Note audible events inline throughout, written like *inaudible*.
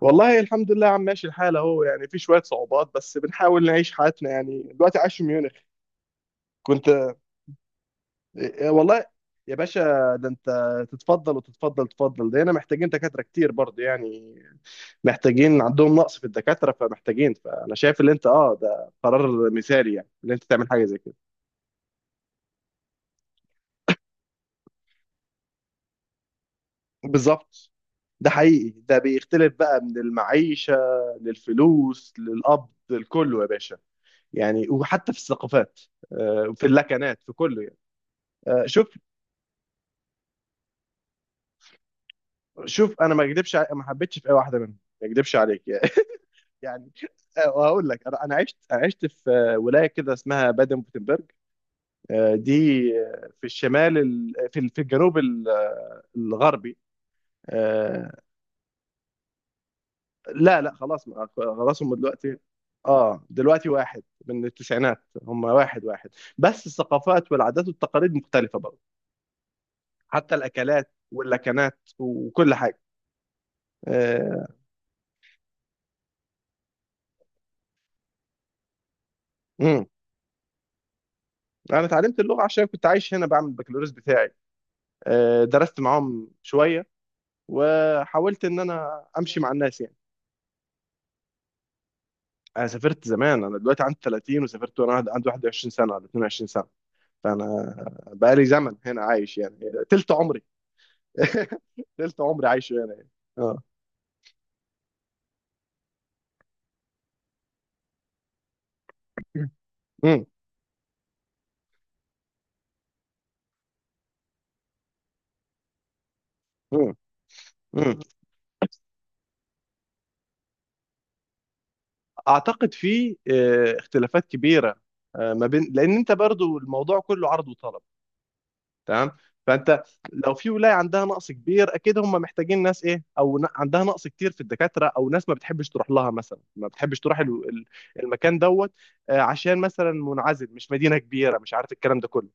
والله الحمد لله، عم ماشي الحال اهو، يعني في شويه صعوبات بس بنحاول نعيش حياتنا يعني. دلوقتي عايش في ميونخ. كنت إيه، والله يا باشا. ده انت تتفضل، ده هنا محتاجين دكاتره كتير برضه، يعني محتاجين، عندهم نقص في الدكاتره، فانا شايف اللي انت، ده قرار مثالي، يعني اللي انت تعمل حاجه زي كده. بالظبط، ده حقيقي، ده بيختلف بقى من المعيشه للفلوس للقبض لكله يا باشا، يعني وحتى في الثقافات، في اللكنات في كله يعني. شوف. شوف انا ما اكذبش، ما حبيتش في اي واحده منهم، ما اكذبش عليك. *laughs* يعني وهقول لك، انا عشت في ولايه كده اسمها بادن بوتنبرج. دي في الشمال، في في الجنوب الغربي. آه، لا لا خلاص، خلاص هم دلوقتي. اه دلوقتي واحد من التسعينات، هم واحد واحد. بس الثقافات والعادات والتقاليد مختلفه برضه. حتى الاكلات واللكنات وكل حاجه. آه، امم انا اتعلمت اللغه عشان كنت عايش هنا بعمل البكالوريوس بتاعي. درست معاهم شويه، وحاولت ان انا امشي مع الناس يعني. انا سافرت زمان، انا دلوقتي عندي 30، وسافرت وانا عندي 21 سنه ولا 22 سنه. فانا بقالي زمن هنا عايش يعني، تلت عمري. *laughs* تلت عمري عايش هنا يعني. اه. مم. مم. مم. اعتقد في اختلافات كبيره، ما بين، لان انت برضو الموضوع كله عرض وطلب. تمام. فانت لو في ولايه عندها نقص كبير، اكيد هم محتاجين ناس، ايه او عندها نقص كتير في الدكاتره، او ناس ما بتحبش تروح لها مثلا، ما بتحبش تروح المكان دوت، عشان مثلا منعزل، مش مدينه كبيره، مش عارف الكلام ده كله.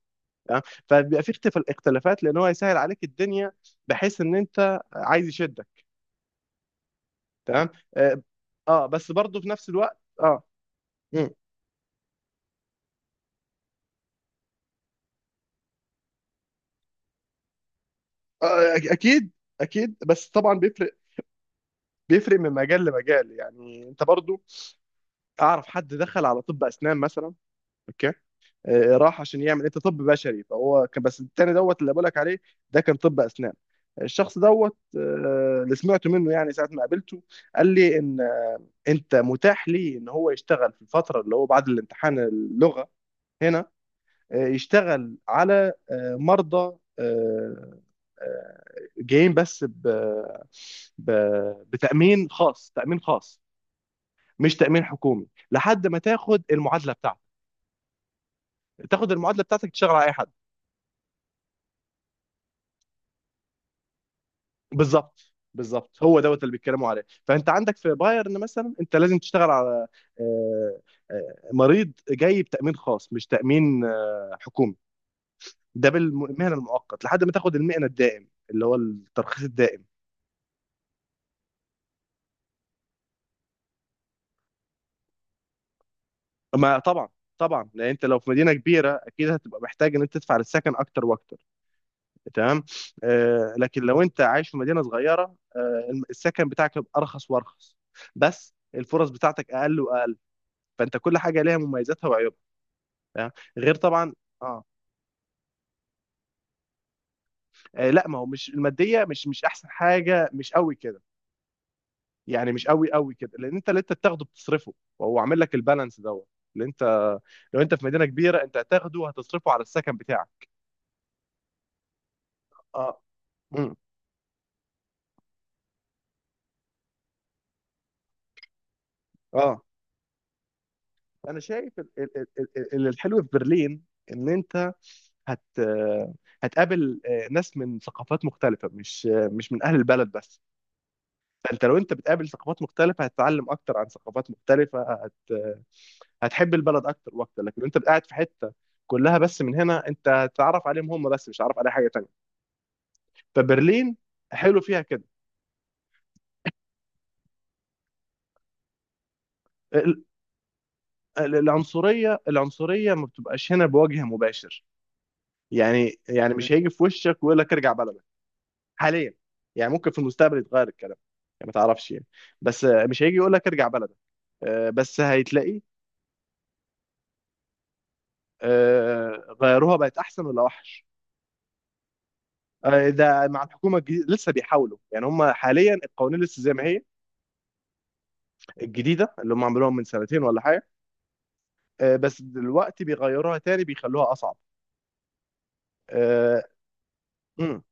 تمام. فبيبقى في اختلافات، لان هو يسهل عليك الدنيا بحيث ان انت عايز يشدك. تمام. اه. بس برضه في نفس الوقت اه. مم. اكيد. اكيد، بس طبعا بيفرق. بيفرق من مجال لمجال، يعني انت برضه اعرف حد دخل على طب اسنان مثلا. اوكي. راح عشان يعمل، انت طب بشري، فهو كان بس التاني دوت اللي بقولك عليه، ده كان طب اسنان. الشخص دوت اللي سمعته منه يعني ساعه ما قابلته قال لي ان انت متاح لي ان هو يشتغل في الفتره اللي هو بعد الامتحان اللغه هنا، يشتغل على مرضى آه، جايين بس ب... بتامين خاص، تامين خاص، مش تامين حكومي، لحد ما تاخد المعادله بتاعتك. تاخد المعادله بتاعتك تشتغل على اي حد. بالظبط بالظبط، هو دوت اللي بيتكلموا عليه، فانت عندك في بايرن مثلا انت لازم تشتغل على آه، مريض جاي بتامين خاص، مش تامين حكومي. ده بالمهنه المؤقت لحد ما تاخد المهنه الدائم، اللي هو الترخيص الدائم. ما طبعا، طبعا لان انت لو في مدينه كبيره اكيد هتبقى محتاج ان انت تدفع للسكن اكتر واكتر. تمام. آه، لكن لو انت عايش في مدينه صغيره، السكن بتاعك هيبقى ارخص وارخص، بس الفرص بتاعتك اقل واقل. فانت كل حاجه ليها مميزاتها وعيوبها. تمام؟ غير طبعا. اه. لا ما هو مش الماديه، مش احسن حاجه، مش قوي كده، يعني مش قوي قوي كده، لان انت اللي انت بتاخده بتصرفه، وهو عامل لك البالانس دوت. اللي انت لو انت في مدينه كبيره، انت هتاخده وهتصرفه على السكن بتاعك. اه. امم. اه. انا شايف الحلو في برلين ان انت هت هتقابل ناس من ثقافات مختلفه، مش من اهل البلد بس. فانت لو انت بتقابل ثقافات مختلفه، هتتعلم اكتر عن ثقافات مختلفه، هتحب البلد اكتر واكتر. لكن انت قاعد في حته كلها، بس من هنا انت هتتعرف عليهم هم بس، مش هتعرف على حاجه تانية. فبرلين حلو فيها كده. ال- العنصريه، ما بتبقاش هنا بوجه مباشر، يعني مش هيجي في وشك ويقول لك ارجع بلدك، حاليا. يعني ممكن في المستقبل يتغير الكلام. يعني ما تعرفش يعني. بس مش هيجي يقول لك ارجع بلدك، بس هيتلاقي. غيروها بقت احسن ولا وحش؟ ده مع الحكومه الجديده لسه بيحاولوا، يعني هم حاليا القوانين لسه زي ما هي، الجديده اللي هم عملوها من سنتين ولا حاجه. بس دلوقتي بيغيروها تاني، بيخلوها اصعب. آه، امم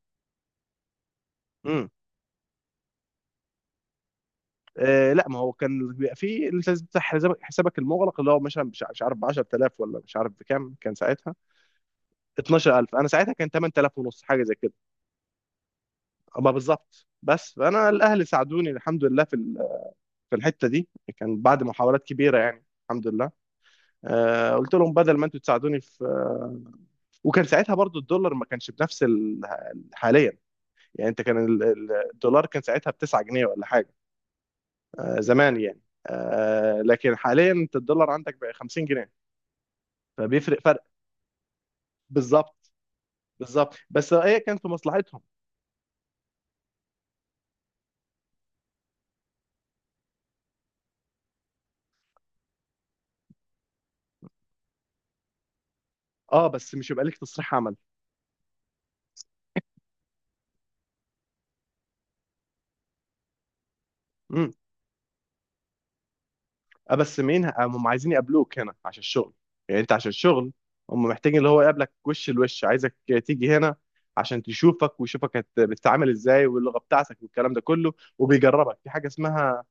امم لا ما هو كان بيبقى في اللي لازم تفتح حسابك، المغلق، اللي هو مثلا مش عارف ب 10000 ولا مش عارف بكام كان ساعتها. 12000. انا ساعتها كان 8000 ونص، حاجه زي كده. اما بالظبط بس. فانا الاهل ساعدوني الحمد لله في في الحته دي، كان بعد محاولات كبيره يعني الحمد لله. قلت لهم بدل ما انتوا تساعدوني في آه، وكان ساعتها برضو الدولار ما كانش بنفس حاليا. يعني انت كان الدولار كان ساعتها ب 9 جنيه ولا حاجه، زمان يعني. لكن حاليا انت الدولار عندك بقى 50 جنيه، فبيفرق فرق. بالظبط، بالظبط بس هي كانت في مصلحتهم. اه بس مش يبقى ليك تصريح عمل. اه بس مين، هم عايزين يقابلوك هنا عشان الشغل. يعني انت عشان الشغل، هم محتاجين اللي هو يقابلك وش لوش، عايزك تيجي هنا عشان تشوفك ويشوفك بتتعامل ازاي، واللغة بتاعتك والكلام ده كله، وبيجربك في حاجة اسمها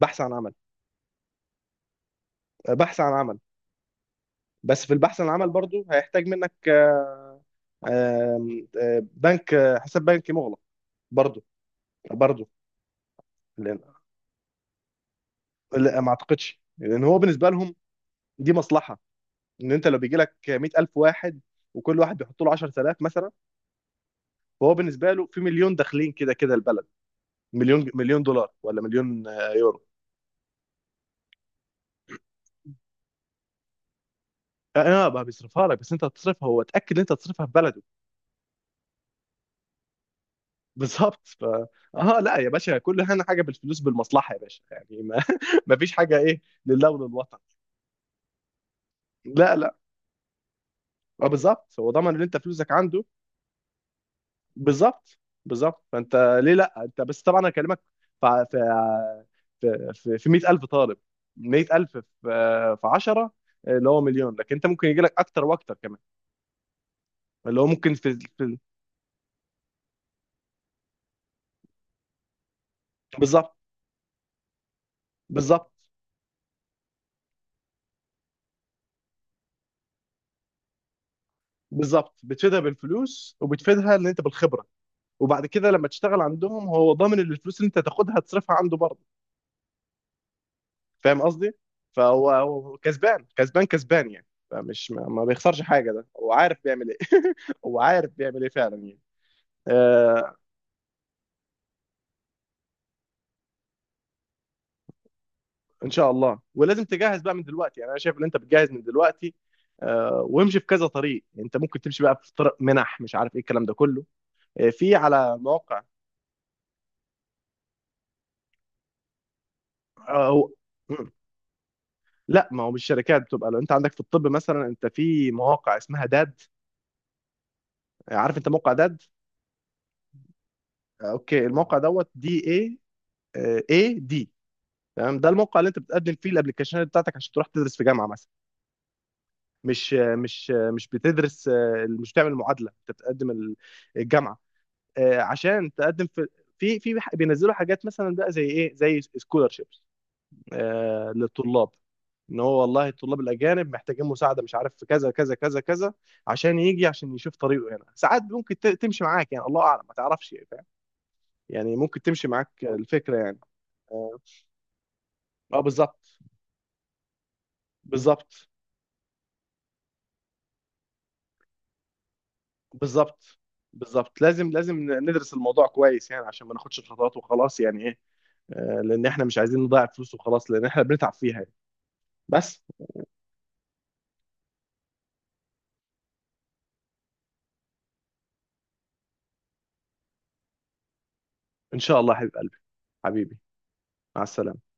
بحث عن عمل. بحث عن عمل. بس في البحث عن عمل برضو هيحتاج منك آه، آم، آه، بنك آه، حساب بنكي مغلق، برضو. برضو. لأن- لا ما اعتقدش، لان هو بالنسبة لهم دي مصلحة. ان انت لو بيجي لك 100000 واحد، وكل واحد بيحط له 10000 مثلا، فهو بالنسبه له في مليون داخلين كده كده البلد، مليون، مليون دولار ولا مليون يورو. اه. بقى بيصرفها لك، بس انت هتصرفها، هو اتاكد ان انت هتصرفها في بلده. *laughs* بالظبط ف. اه لا يا باشا، كل هنا حاجه بالفلوس بالمصلحه يا باشا، يعني ما, *laughs* ما فيش حاجه ايه، لله وللوطن. لا لا. اه بالظبط، هو ضمن ان انت فلوسك عنده. بالظبط بالظبط، فانت، ليه لا. انت بس طبعا انا اكلمك في في 100000 طالب. 100000 في في 10، اللي هو مليون. لكن انت ممكن يجي لك اكتر واكتر كمان، اللي هو ممكن بالظبط. بالظبط. بالظبط، بتفيدها بالفلوس، وبتفيدها ان انت بالخبره، وبعد كده لما تشتغل عندهم، هو ضامن ان الفلوس اللي انت تاخدها تصرفها عنده برضه. فاهم قصدي؟ فهو كسبان كسبان كسبان يعني، فمش ما بيخسرش حاجه، ده هو عارف بيعمل ايه. *laughs* هو عارف بيعمل ايه فعلا يعني. آه. ان شاء الله. ولازم تجهز بقى من دلوقتي، يعني انا شايف ان انت بتجهز من دلوقتي وامشي في كذا طريق. انت ممكن تمشي بقى في طرق منح، مش عارف ايه الكلام ده كله، في على مواقع، أو. مم. لا ما هو مش شركات، بتبقى لو انت عندك في الطب مثلا، انت في مواقع اسمها داد. عارف انت موقع داد؟ اوكي. الموقع دوت DAAD. تمام، ده الموقع اللي انت بتقدم فيه الابلكيشنات بتاعتك عشان تروح تدرس في جامعه مثلا. مش بتدرس، مش بتعمل معادله. انت بتقدم الجامعه، عشان تقدم في في بينزلوا حاجات مثلا بقى زي ايه، زي سكولرشيب للطلاب. ان هو والله الطلاب الاجانب محتاجين مساعده، مش عارف في كذا كذا كذا كذا، عشان يجي عشان يشوف طريقه. هنا ساعات ممكن تمشي معاك، يعني الله اعلم، ما تعرفش يعني، فاهم. يعني ممكن تمشي معاك الفكره يعني. اه. بالظبط. بالظبط. بالظبط، بالظبط لازم ندرس الموضوع كويس يعني عشان ما ناخدش الخطوات وخلاص يعني ايه، لان احنا مش عايزين نضيع فلوس وخلاص، لان احنا بنتعب فيها يعني. بس. ان شاء الله يا حبيب قلبي، حبيبي. مع السلامه.